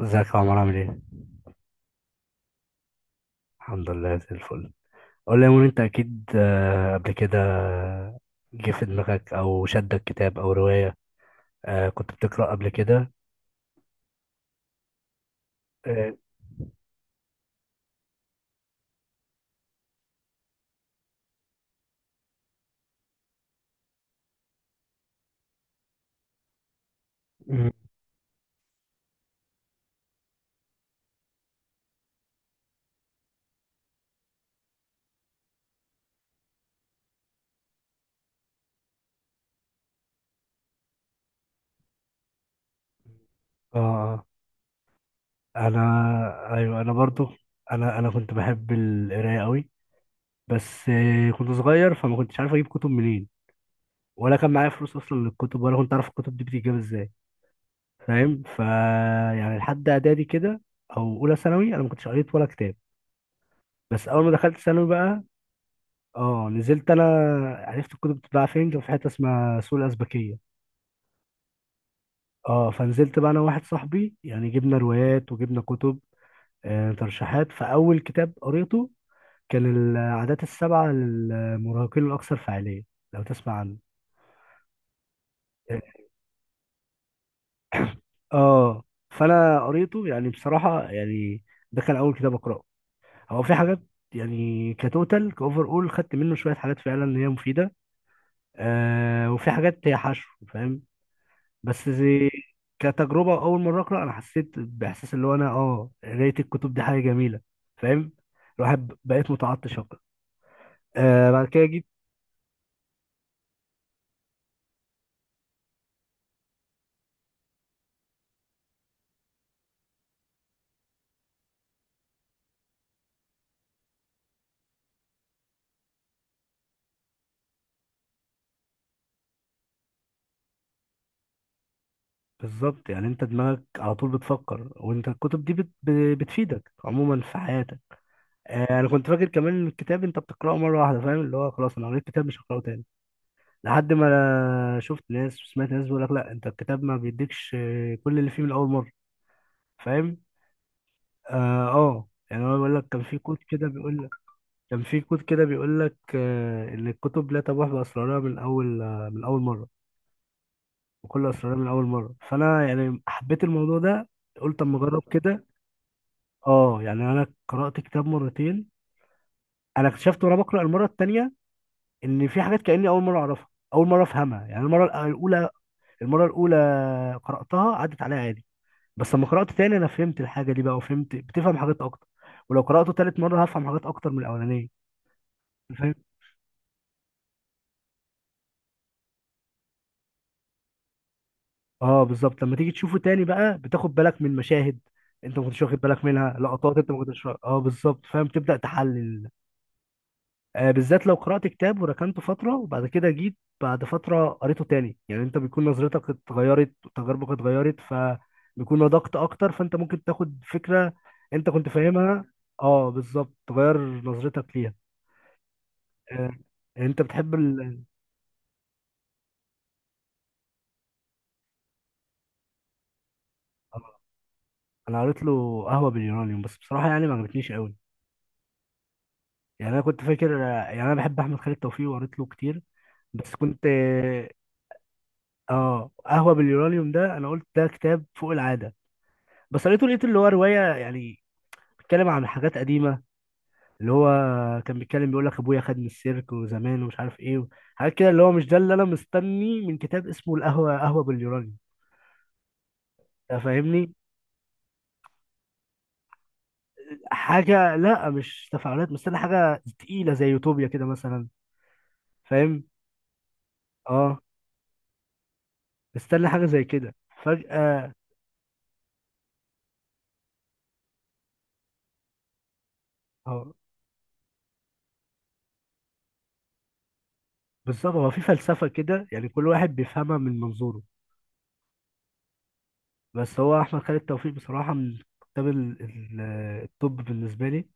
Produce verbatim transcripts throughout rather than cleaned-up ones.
ازيك يا عمر؟ عامل ايه؟ الحمد لله زي الفل. قول لي يا مون، انت اكيد آه، قبل كده جه في دماغك او شدك كتاب او رواية. آه، كنت بتقرأ قبل كده؟ اه. مم. آه، انا ايوه انا برضو. انا انا كنت بحب القراية قوي، بس آه، كنت صغير فما كنتش عارف اجيب كتب منين، ولا كان معايا فلوس اصلا للكتب، ولا كنت عارف الكتب دي بتتجاب ازاي. فاهم؟ ف يعني لحد اعدادي كده او اولى ثانوي انا ما كنتش قريت ولا كتاب. بس اول ما دخلت ثانوي بقى، اه، نزلت انا، عرفت الكتب بتتباع فين. كان في حته اسمها سوق الازبكيه. اه، فنزلت بقى انا وواحد صاحبي يعني، جبنا روايات وجبنا كتب، آه، ترشيحات. فاول كتاب قريته كان العادات السبعه للمراهقين الاكثر فعاليه. لو تسمع عنه. اه، فانا قريته يعني، بصراحه يعني ده كان اول كتاب اقراه. هو في حاجات يعني، كتوتال كاوفر، اول خدت منه شويه حاجات فعلا هي مفيده، آه، وفي حاجات هي حشو. فاهم؟ بس زي كتجربة أول مرة أقرأ، أنا حسيت بإحساس اللي هو أنا، أه، قراية الكتب دي حاجة جميلة. فاهم؟ الواحد ب- بقيت متعطش أقرأ. آه، بعد كده جيت. بالظبط، يعني أنت دماغك على طول بتفكر، وأنت الكتب دي بت ب- بتفيدك عموما في حياتك. آه، أنا كنت فاكر كمان إن الكتاب أنت بتقرأه مرة واحدة. فاهم؟ اللي هو خلاص أنا قريت كتاب مش هقرأه تاني، لحد ما شفت ناس وسمعت ناس بيقول لك لا، أنت الكتاب ما بيديكش، آه، كل اللي فيه من أول مرة. فاهم؟ آه, آه يعني هو بيقول لك، كان في كود كده بيقول، كان في كود كده بيقول لك، آه، ان الكتب لا تبوح باسرارها من اول، آه، من اول مره، وكل اسرارها من اول مره. فانا يعني حبيت الموضوع ده، قلت اما اجرب كده. اه، يعني انا قرات كتاب مرتين. انا اكتشفت وانا بقرا المره التانيه ان في حاجات كاني اول مره اعرفها، اول مره افهمها. يعني المره الاولى، المره الاولى قراتها عدت عليها عادي، بس لما قرات تاني انا فهمت الحاجه دي بقى، وفهمت، بتفهم حاجات اكتر. ولو قراته تالت مره هفهم حاجات اكتر من الاولانيه. اه بالظبط، لما تيجي تشوفه تاني بقى بتاخد بالك من مشاهد انت ما كنتش واخد بالك منها، لقطات انت ما كنتش وا- اه بالظبط. فاهم؟ تبدا تحلل. آه، بالذات لو قرات كتاب وركنته فتره، وبعد كده جيت بعد فتره قريته تاني، يعني انت بيكون نظرتك اتغيرت وتجاربك اتغيرت، فبيكون نضجت اكتر، فانت ممكن تاخد فكره انت كنت فاهمها. اه بالظبط، تغير نظرتك ليها. آه، انت بتحب ال... آه، انا قريت له قهوه باليونانيوم، بس بصراحه يعني ما عجبتنيش قوي. يعني انا كنت فاكر، يعني انا بحب احمد خالد توفيق وقريت له كتير، بس كنت، اه، قهوه باليورانيوم ده انا قلت ده كتاب فوق العاده، بس قريته لقيت اللي هو روايه يعني، بيتكلم عن حاجات قديمه، اللي هو كان بيتكلم بيقول لك ابويا خدني السيرك وزمان ومش عارف ايه، حاجات كده. اللي هو مش ده اللي انا مستني من كتاب اسمه القهوه، قهوه باليورانيوم. أنت فاهمني؟ حاجه، لا مش تفاعلات، مستني حاجه تقيله زي يوتوبيا كده مثلا. فاهم؟ اه. مستني حاجه زي كده فجاه. اه بالظبط، هو في فلسفة كده يعني، كل واحد بيفهمها من منظوره. بس هو أحمد خالد توفيق بصراحة، من كتاب ال- ال- الطب بالنسبة لي.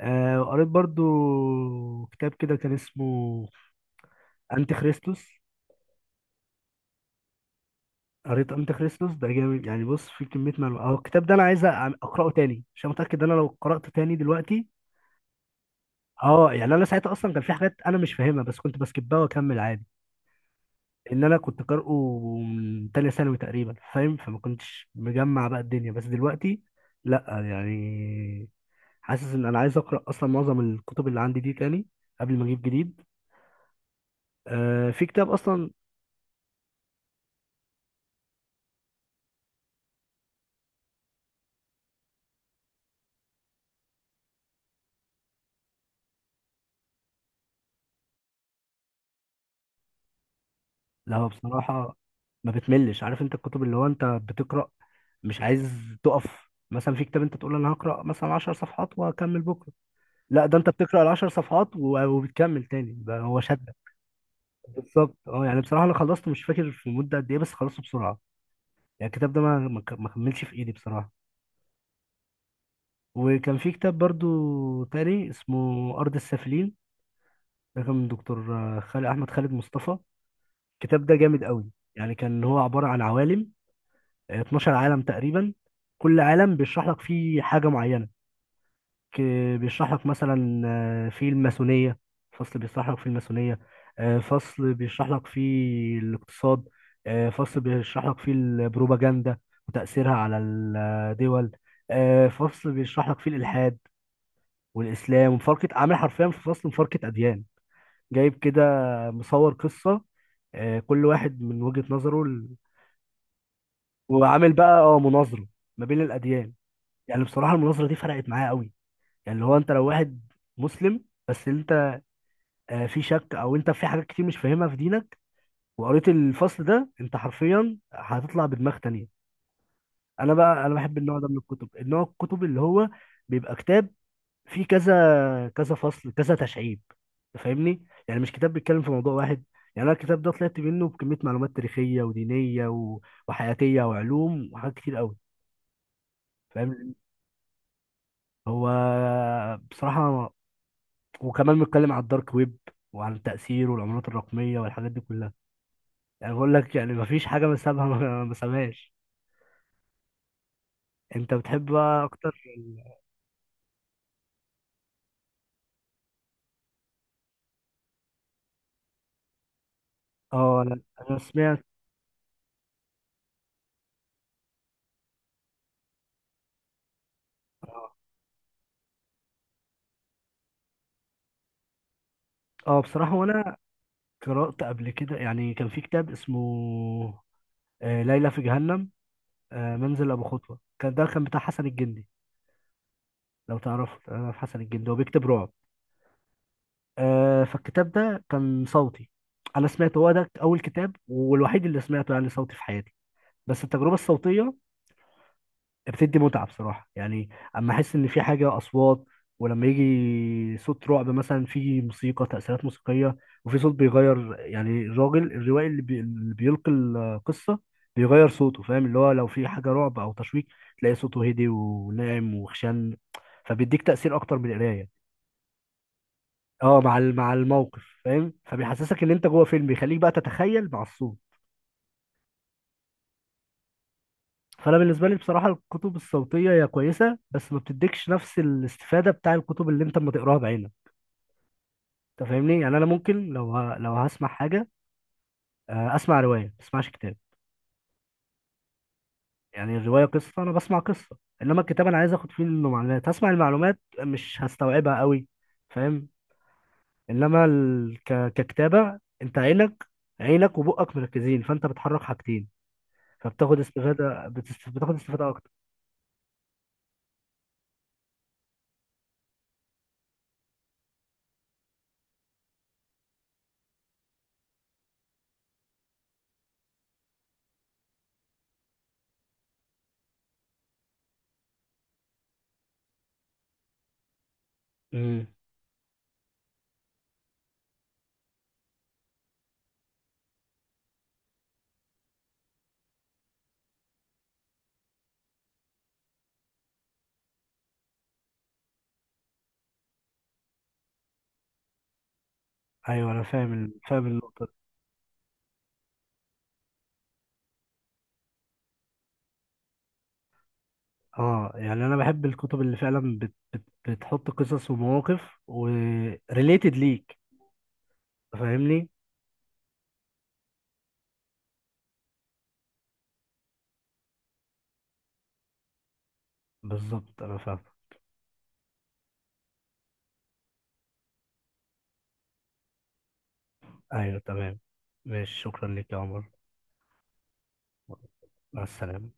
آه، قريت برضو كتاب كده كان اسمه أنتي خريستوس. قريت أنتي خريستوس؟ ده جامد يعني. بص، في كمية معلومات أهو. الكتاب ده أنا عايز أ- أقرأه تاني، عشان متأكد إن أنا لو قرأته تاني دلوقتي، أه، يعني أنا ساعتها أصلا كان في حاجات أنا مش فاهمها، بس كنت بسكبها وأكمل عادي. ان انا كنت قارئه من تانية ثانوي تقريبا. فاهم؟ فما كنتش مجمع بقى الدنيا. بس دلوقتي لا، يعني حاسس ان انا عايز اقرا اصلا معظم الكتب اللي عندي دي تاني قبل ما اجيب جديد. آه، في كتاب اصلا. لا هو بصراحه ما بتملش. عارف؟ انت الكتب اللي هو انت بتقرا مش عايز تقف مثلا في كتاب، انت تقول انا هقرا مثلا عشر صفحات وهكمل بكره، لا ده انت بتقرا ال عشر صفحات و- وبتكمل تاني بقى، هو شدك. بالظبط. اه يعني بصراحه انا خلصته مش فاكر في مده قد ايه، بس خلصته بسرعه. يعني الكتاب ده ما ما ما كملش في ايدي بصراحه. وكان في كتاب برضو تاني اسمه ارض السافلين، ده كان من دكتور، آه، خالد، احمد خالد مصطفى. الكتاب ده جامد قوي. يعني كان هو عباره عن عوالم، آه، اتناشر عالم تقريبا، كل عالم بيشرح لك فيه حاجه معينه. آه، بيشرح لك مثلا، آه، في الماسونية، فصل بيشرح لك في الماسونية، آه، فصل بيشرح لك في الاقتصاد، آه، فصل بيشرح لك في البروباجندا وتأثيرها على الدول، آه، فصل بيشرح لك في الإلحاد والإسلام، ومفارقة، عامل حرفيا في فصل مفارقة أديان، جايب كده مصور قصة، آه، كل واحد من وجهة نظره ال-، وعامل بقى اه مناظرة ما بين الأديان. يعني بصراحة المناظرة دي فرقت معايا قوي. يعني اللي هو أنت لو واحد مسلم، بس انت آه، في شك، او انت في حاجات كتير مش فاهمها في دينك، وقريت الفصل ده، انت حرفيا هتطلع بدماغ تانية. انا بقى انا بحب النوع ده من الكتب، النوع الكتب اللي هو بيبقى كتاب فيه كذا كذا فصل، كذا تشعيب. فاهمني؟ يعني مش كتاب بيتكلم في موضوع واحد. يعني انا الكتاب ده طلعت منه بكمية معلومات تاريخية ودينية و- وحياتية وعلوم وحاجات كتير قوي. فاهم؟ هو بصراحة، وكمان بيتكلم على الدارك ويب، وعن تأثيره والعملات الرقمية والحاجات دي كلها. يعني بقول لك يعني مفيش حاجة بسابها ما ما سابهاش. انت بتحب بقى اكتر ال-، اه انا انا سمعت. اه بصراحة، وانا قرأت قبل كده يعني، كان في كتاب اسمه، آه، ليلى في جهنم، آه، منزل ابو خطوة، كان ده كان بتاع حسن الجندي. لو تعرفه انا، في حسن الجندي هو بيكتب رعب. آه، فالكتاب ده كان صوتي، انا سمعته، هو ده اول كتاب والوحيد اللي سمعته يعني صوتي في حياتي. بس التجربة الصوتية بتدي متعة بصراحة. يعني اما احس ان في حاجة اصوات، ولما يجي صوت رعب مثلا، في موسيقى، تأثيرات موسيقية، وفي صوت بيغير، يعني الراجل الروائي اللي، بي... اللي بيلقي القصة بيغير صوته. فاهم؟ اللي هو لو في حاجة رعب او تشويق، تلاقي صوته هدي وناعم وخشن، فبيديك تأثير اكتر من القراية. اه، مع ال- مع الموقف. فاهم؟ فبيحسسك ان انت جوه فيلم، بيخليك بقى تتخيل مع الصوت. فانا بالنسبه لي بصراحه الكتب الصوتيه هي كويسه، بس ما بتديكش نفس الاستفاده بتاع الكتب اللي انت اما تقراها بعينك. انت فاهمني؟ يعني انا ممكن لو ه... لو هسمع حاجه، آه، اسمع روايه، ما اسمعش كتاب. يعني الروايه قصه، انا بسمع قصه. انما الكتاب انا عايز اخد فيه منه معلومات، هسمع المعلومات مش هستوعبها قوي. فاهم؟ انما ال... ك... ككتابه انت عينك، عينك وبقك مركزين، فانت بتحرك حاجتين، فبتاخد استفاده، بتست... بتاخد استفاده اكتر. امم. ايوه انا فاهم ال- فاهم النقطه دي. اه يعني انا بحب الكتب اللي فعلا بت بت بتحط قصص ومواقف وريليتد ليك. فاهمني؟ بالظبط انا فاهم. ايوه تمام. ماشي، شكرا ليك يا عمر. مع السلامة.